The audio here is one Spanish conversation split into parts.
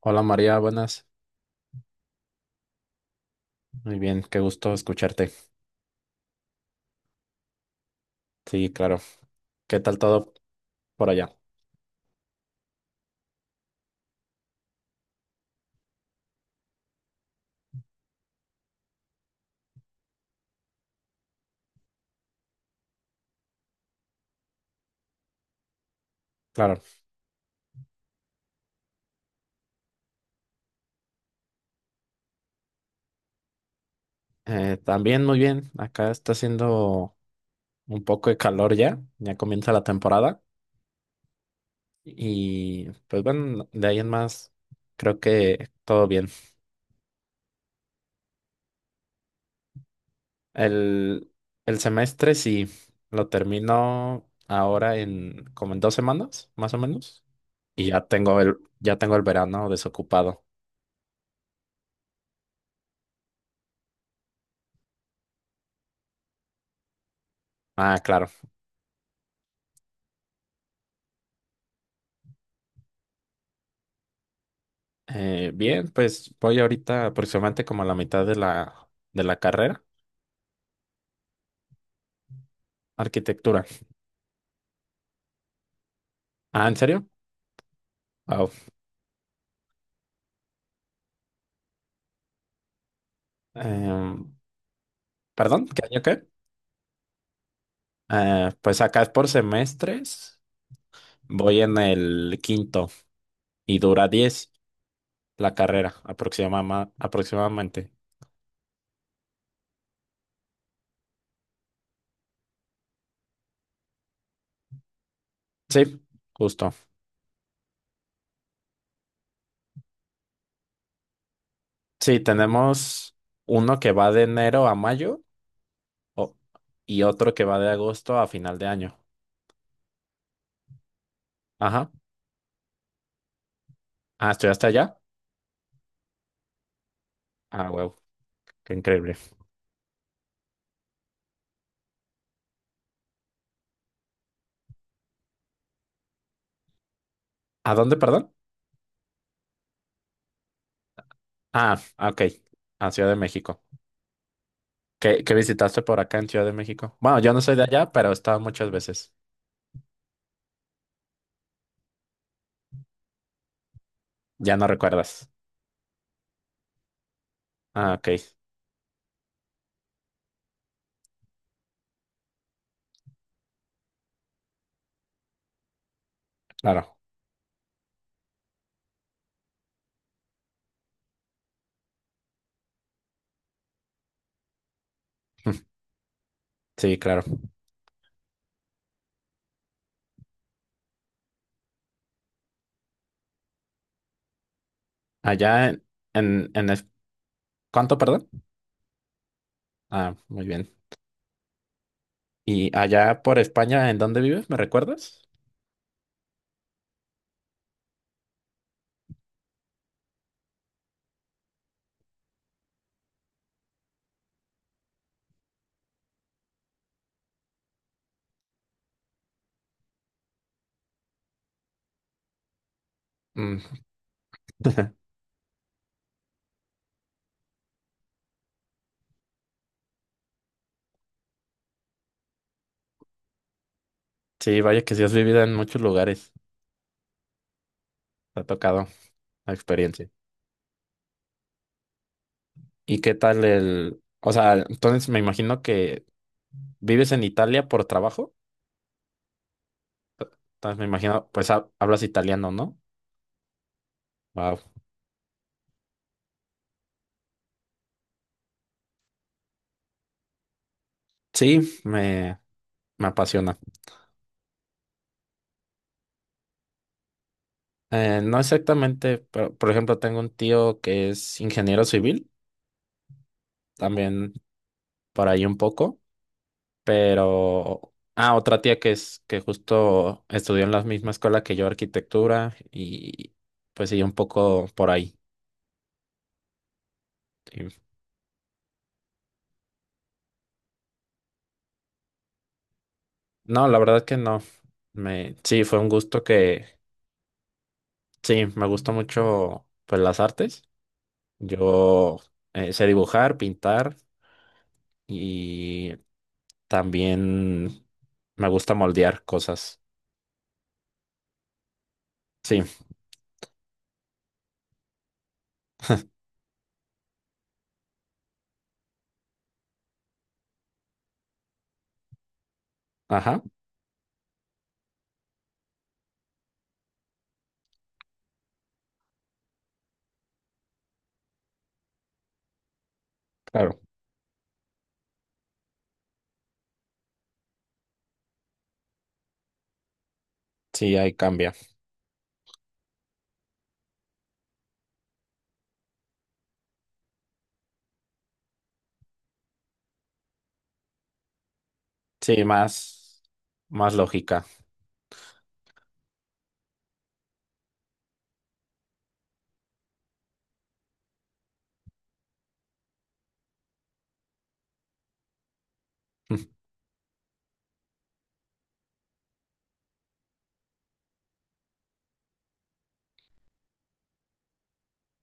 Hola María, buenas. Muy bien, qué gusto escucharte. Sí, claro. ¿Qué tal todo por allá? Claro. También muy bien. Acá está haciendo un poco de calor ya. Ya comienza la temporada. Y pues bueno, de ahí en más, creo que todo bien. El, el semestre sí, lo termino ahora en como en 2 semanas, más o menos. Y ya tengo el verano desocupado. Ah, claro. Bien, pues voy ahorita aproximadamente como a la mitad de la carrera. Arquitectura. Ah, ¿en serio? Wow. Em, Perdón, ¿qué año qué? Pues acá es por semestres. Voy en el quinto y dura 10 la carrera aproximadamente. Sí, justo. Sí, tenemos uno que va de enero a mayo o- y otro que va de agosto a final de año. Ajá. Ah, ¿estudiaste allá? Ah, wow, qué increíble. ¿A dónde, perdón? Ah, ah, ok, a Ciudad de México. ¿Qué visitaste por acá en Ciudad de México? Bueno, yo no soy de allá, pero he estado muchas veces. Ya no recuerdas. Ah, ok, claro. Sí, claro. Allá en, en ¿cuánto, perdón? Ah, muy bien. ¿Y allá por España, en dónde vives? ¿Me recuerdas? Mm. Sí, vaya que sí has vivido en muchos lugares, te ha tocado la experiencia. ¿Y qué tal el? O sea, entonces me imagino que vives en Italia por trabajo, entonces me imagino, pues hablas italiano, ¿no? Wow. Sí, me apasiona. No exactamente, pero por ejemplo tengo un tío que es ingeniero civil, también por ahí un poco, pero. Ah, otra tía que es que justo estudió en la misma escuela que yo, arquitectura, y pues sí, un poco por ahí. Sí. No, la verdad que no. Sí, fue un gusto que, sí, me gustó mucho pues las artes. Yo sé dibujar, pintar y también me gusta moldear cosas. Sí, ajá, claro. Sí, ahí cambia. Sí, más, más lógica. Mm,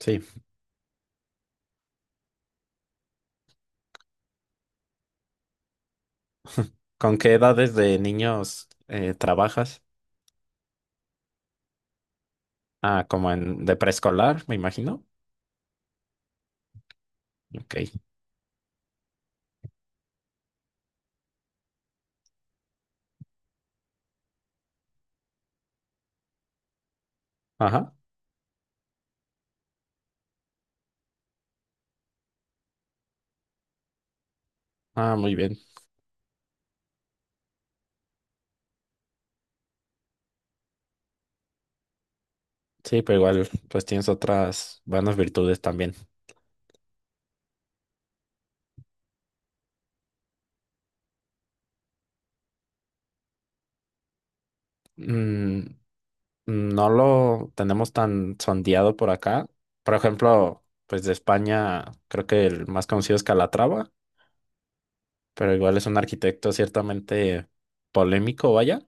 sí. ¿Con qué edades de niños trabajas? Ah, como en de preescolar, me imagino. Ok. Ajá. Ah, muy bien. Sí, pero igual, pues tienes otras buenas virtudes también. Mm, no lo tenemos tan sondeado por acá. Por ejemplo, pues de España, creo que el más conocido es Calatrava, pero igual es un arquitecto ciertamente polémico, vaya.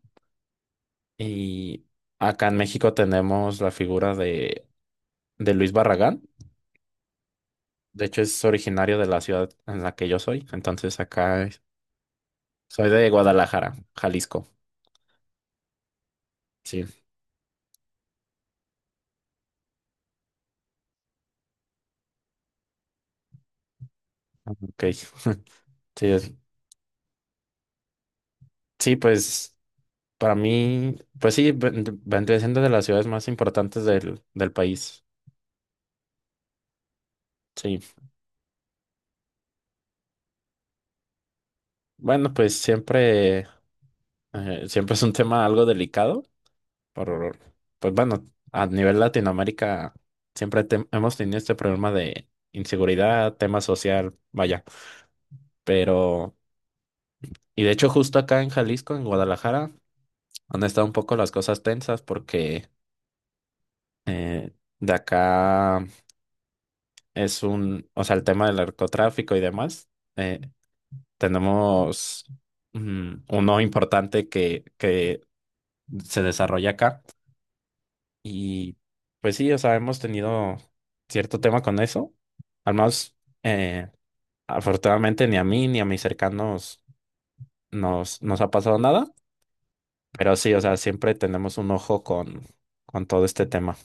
Y acá en México tenemos la figura de Luis Barragán. De hecho, es originario de la ciudad en la que yo soy. Entonces, acá soy de Guadalajara, Jalisco. Sí, ok. Sí. Sí, pues. Para mí, pues sí, vendría siendo de las ciudades más importantes del país. Sí. Bueno, pues siempre, siempre es un tema algo delicado. Por, pues bueno, a nivel Latinoamérica siempre hemos tenido este problema de inseguridad, tema social, vaya. Pero, y de hecho justo acá en Jalisco, en Guadalajara, han estado un poco las cosas tensas porque eh, de acá es un, o sea, el tema del narcotráfico y demás. eh, Tenemos uno importante que se desarrolla acá. Y pues sí, o sea, hemos tenido cierto tema con eso. Al menos, eh, afortunadamente, ni a mí ni a mis cercanos nos ha pasado nada. Pero sí, o sea, siempre tenemos un ojo con todo este tema.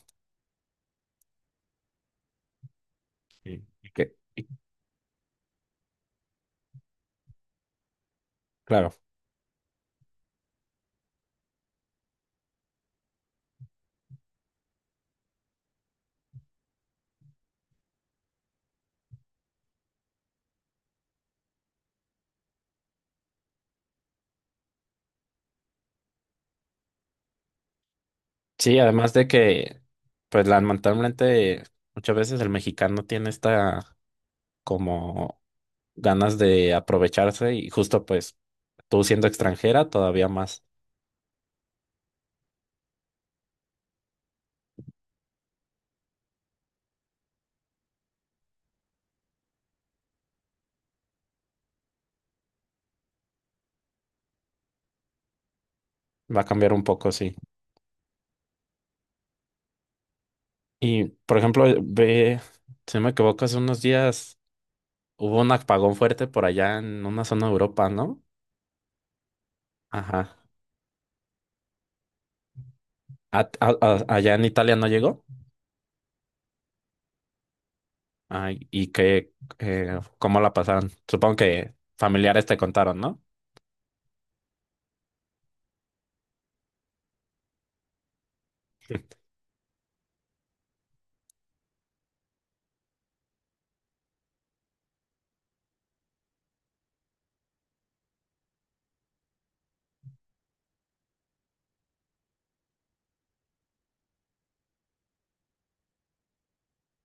Y claro. Sí, además de que, pues lamentablemente, muchas veces el mexicano tiene esta como ganas de aprovecharse y justo pues tú siendo extranjera todavía más va a cambiar un poco, sí. Y por ejemplo, ve, si no me equivoco, hace unos días hubo un apagón fuerte por allá en una zona de Europa, ¿no? Ajá. Allá en Italia no llegó. Ay, y que, ¿cómo la pasaron? Supongo que familiares te contaron, ¿no?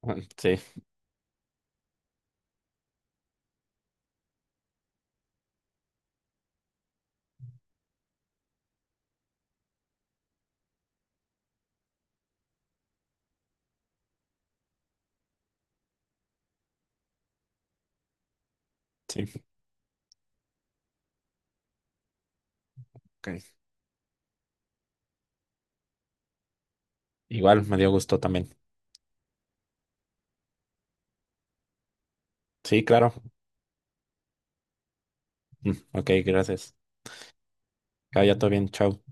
Mm, sí, sí, ok. Igual me dio gusto también. Sí, claro. Mm, ok, gracias. Que vaya todo bien, chao.